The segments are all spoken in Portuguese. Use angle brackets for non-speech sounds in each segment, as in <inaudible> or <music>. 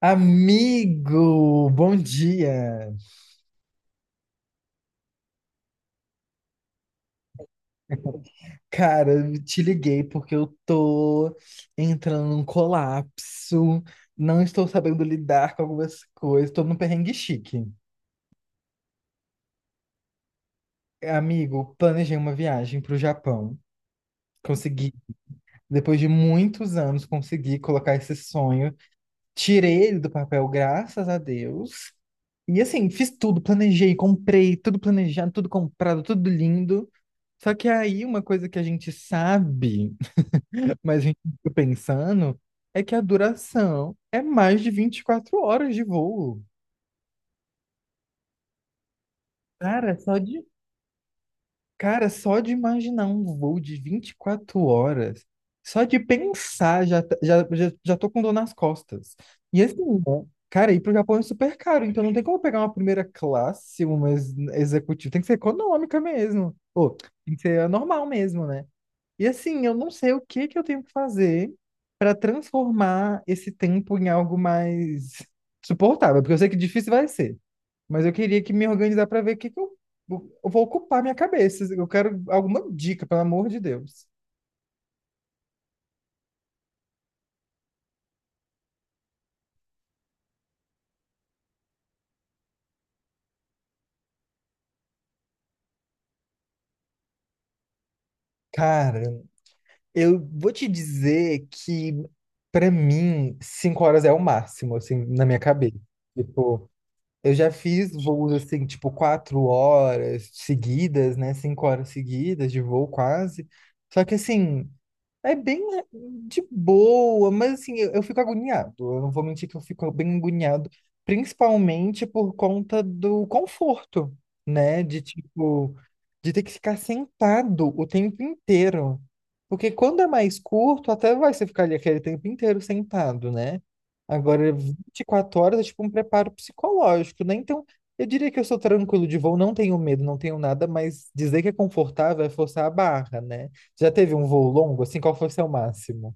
Amigo, bom dia. Cara, eu te liguei porque eu tô entrando num colapso, não estou sabendo lidar com algumas coisas, tô num perrengue chique. Amigo, planejei uma viagem pro Japão. Consegui, depois de muitos anos, consegui colocar esse sonho. Tirei ele do papel, graças a Deus. E assim, fiz tudo, planejei, comprei, tudo planejado, tudo comprado, tudo lindo. Só que aí, uma coisa que a gente sabe, mas a gente fica pensando é que a duração é mais de 24 horas de voo. Cara, só de. Cara, só de imaginar um voo de 24 horas, só de pensar, já, tá- já, já, já tô com dor nas costas. E assim, né, cara, ir pro Japão é super caro, então não tem como pegar uma primeira classe, uma executiva, tem que ser econômica mesmo. Ou tem que ser a normal mesmo, né? E assim, eu não sei o que que eu tenho que fazer para transformar esse tempo em algo mais suportável, porque eu sei que difícil vai ser. Mas eu queria que me organizar para ver o que que eu vou ocupar minha cabeça. Eu quero alguma dica, pelo amor de Deus. Cara, eu vou te dizer que para mim 5 horas é o máximo, assim, na minha cabeça. Tipo, eu já fiz voos assim, tipo, 4 horas seguidas, né? 5 horas seguidas de voo quase. Só que assim, é bem né, de boa, mas assim, eu fico agoniado. Eu não vou mentir que eu fico bem agoniado, principalmente por conta do conforto, né? De tipo, de ter que ficar sentado o tempo inteiro. Porque quando é mais curto, até vai você ficar ali aquele tempo inteiro sentado, né? Agora, 24 horas é tipo um preparo psicológico, né? Então, eu diria que eu sou tranquilo de voo, não tenho medo, não tenho nada, mas dizer que é confortável é forçar a barra, né? Já teve um voo longo, assim, qual foi o seu máximo?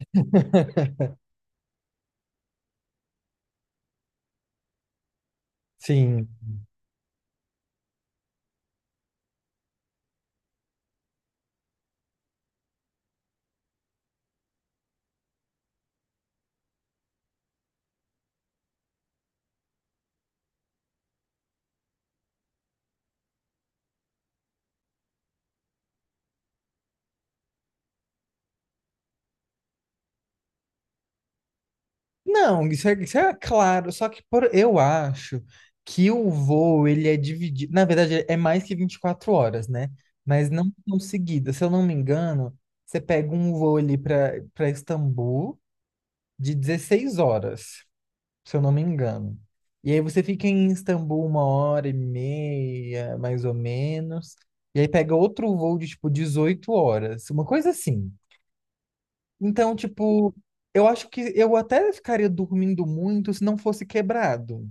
<laughs> Sim. Não, isso é claro, só que por, eu acho que o voo, ele é dividido, na verdade, é mais que 24 horas, né? Mas não tão seguida, se eu não me engano, você pega um voo ali para Istambul de 16 horas, se eu não me engano. E aí você fica em Istambul 1 hora e meia, mais ou menos, e aí pega outro voo de, tipo, 18 horas, uma coisa assim. Então, tipo, eu acho que eu até ficaria dormindo muito se não fosse quebrado.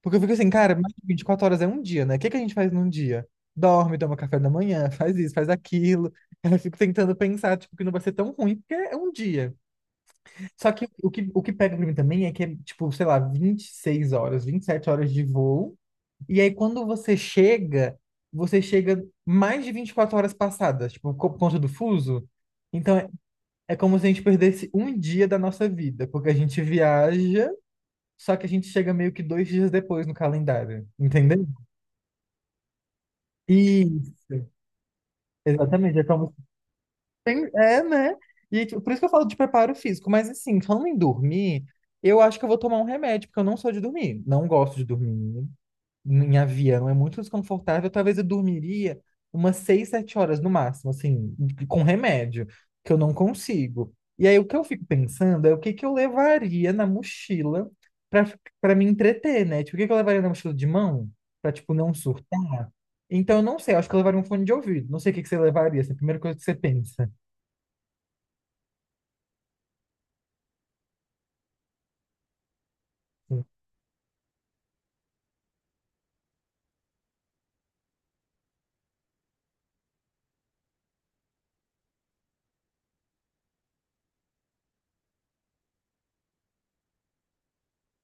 Porque eu fico assim, cara, mais de 24 horas é um dia, né? O que que a gente faz num dia? Dorme, toma café da manhã, <laughs> faz isso, faz aquilo. Aí eu fico tentando pensar, tipo, que não vai ser tão ruim, porque é um dia. Só que o que pega pra mim também é que é, tipo, sei lá, 26 horas, 27 horas de voo. E aí, quando você chega mais de 24 horas passadas, tipo, por conta do fuso. Então, é como se a gente perdesse um dia da nossa vida, porque a gente viaja, só que a gente chega meio que 2 dias depois no calendário, entendeu? Isso, exatamente. É como se. É, né? E tipo, por isso que eu falo de preparo físico, mas assim, falando em dormir, eu acho que eu vou tomar um remédio, porque eu não sou de dormir, não gosto de dormir. Em avião é muito desconfortável. Talvez eu dormiria umas 6, 7 horas no máximo, assim, com remédio, que eu não consigo. E aí o que eu fico pensando é o que que eu levaria na mochila para para me entreter, né? Tipo, o que que eu levaria na mochila de mão para tipo não surtar? Então eu não sei, eu acho que eu levaria um fone de ouvido. Não sei o que que você levaria, assim, a primeira coisa que você pensa.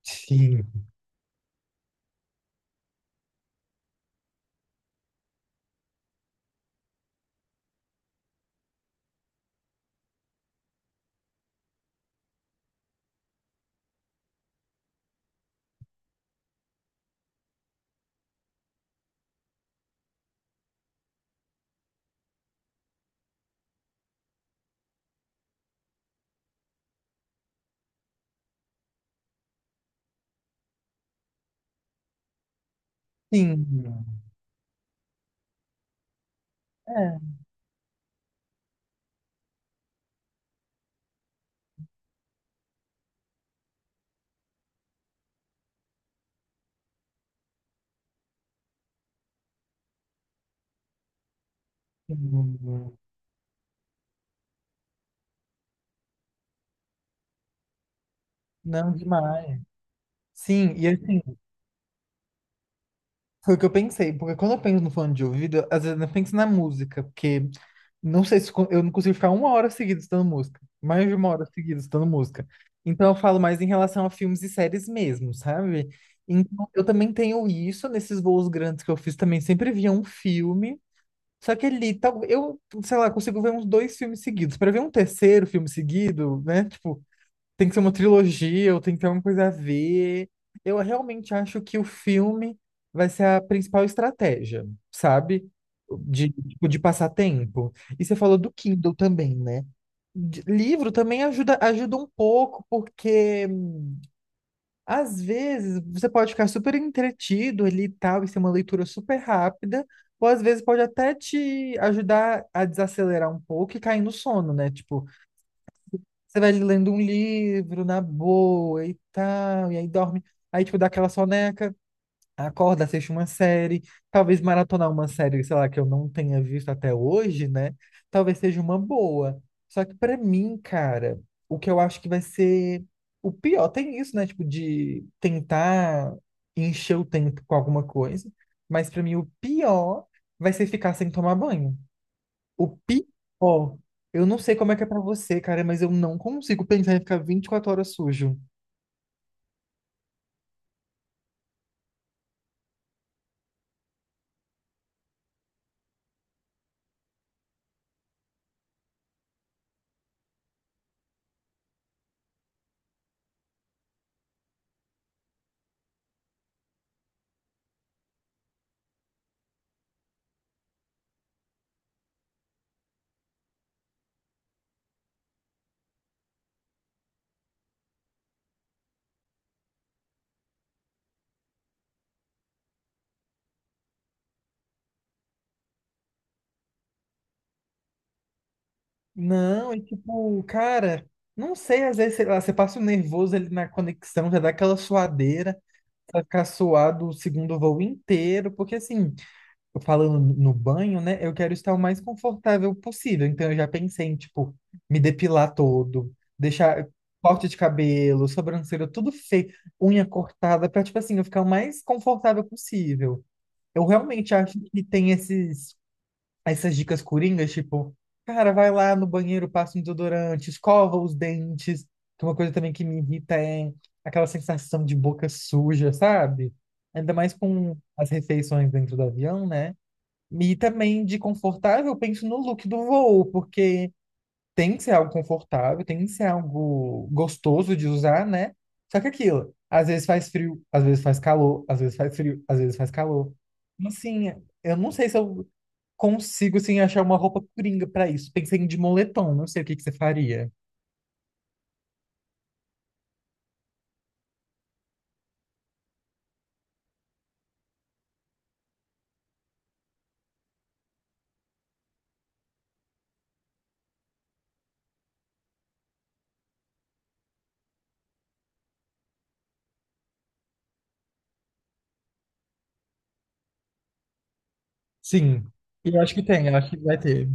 Sim. Sim. É. Sim. Não demais. Sim, e assim, foi o que eu pensei, porque quando eu penso no fone de ouvido, às vezes eu penso na música, porque não sei se eu não consigo ficar 1 hora seguida estudando música, mais de 1 hora seguida estudando música. Então eu falo mais em relação a filmes e séries mesmo, sabe? Então eu também tenho isso nesses voos grandes que eu fiz também, sempre via um filme, só que ali, tal, eu, sei lá, consigo ver uns dois filmes seguidos. Para ver um terceiro filme seguido, né? Tipo, tem que ser uma trilogia, ou tem que ter alguma coisa a ver. Eu realmente acho que o filme vai ser a principal estratégia, sabe? De, tipo, de passar tempo. E você falou do Kindle também, né? Livro também ajuda, ajuda um pouco, porque às vezes você pode ficar super entretido ali e tal, e ser uma leitura super rápida, ou às vezes pode até te ajudar a desacelerar um pouco e cair no sono, né? Tipo, você vai lendo um livro na boa e tal, e aí dorme. Aí, tipo, dá aquela soneca, acorda, assiste uma série. Talvez maratonar uma série, sei lá, que eu não tenha visto até hoje, né? Talvez seja uma boa. Só que pra mim, cara, o que eu acho que vai ser o pior, tem isso, né? Tipo, de tentar encher o tempo com alguma coisa. Mas pra mim, o pior vai ser ficar sem tomar banho. O pior, eu não sei como é que é pra você, cara, mas eu não consigo pensar em ficar 24 horas sujo. Não, é tipo, cara, não sei, às vezes, sei lá, você passa o nervoso ali na conexão, já dá aquela suadeira, vai ficar suado o segundo voo inteiro, porque assim, eu falando no banho, né, eu quero estar o mais confortável possível, então eu já pensei em, tipo, me depilar todo, deixar corte de cabelo, sobrancelha, tudo feio, unha cortada, pra, tipo assim, eu ficar o mais confortável possível. Eu realmente acho que tem essas dicas coringas, tipo, cara, vai lá no banheiro, passa um desodorante, escova os dentes, que é uma coisa também que me irrita é aquela sensação de boca suja, sabe? Ainda mais com as refeições dentro do avião, né? E também de confortável, eu penso no look do voo, porque tem que ser algo confortável, tem que ser algo gostoso de usar, né? Só que aquilo, às vezes faz frio, às vezes faz calor, às vezes faz frio, às vezes faz calor. Então, assim, eu não sei se eu consigo, assim, achar uma roupa coringa pra isso. Pensei em de moletom, não sei o que que você faria. Sim, eu acho que tem, eu acho que vai ter.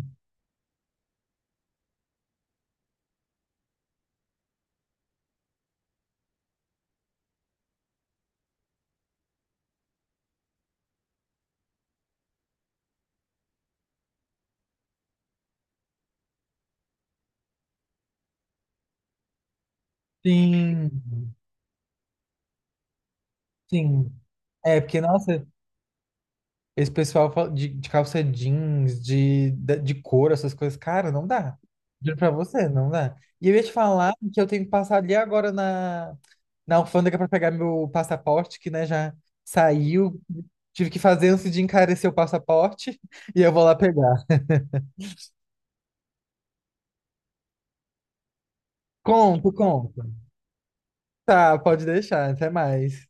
Sim, sim. É, porque, nossa, esse pessoal de, calça jeans, de couro, essas coisas, cara, não dá. Juro pra você, não dá. E eu ia te falar que eu tenho que passar ali agora na alfândega pra pegar meu passaporte, que, né, já saiu. Tive que fazer antes de encarecer o passaporte <laughs> e eu vou lá pegar. Conto, conto. Tá, pode deixar. Até mais.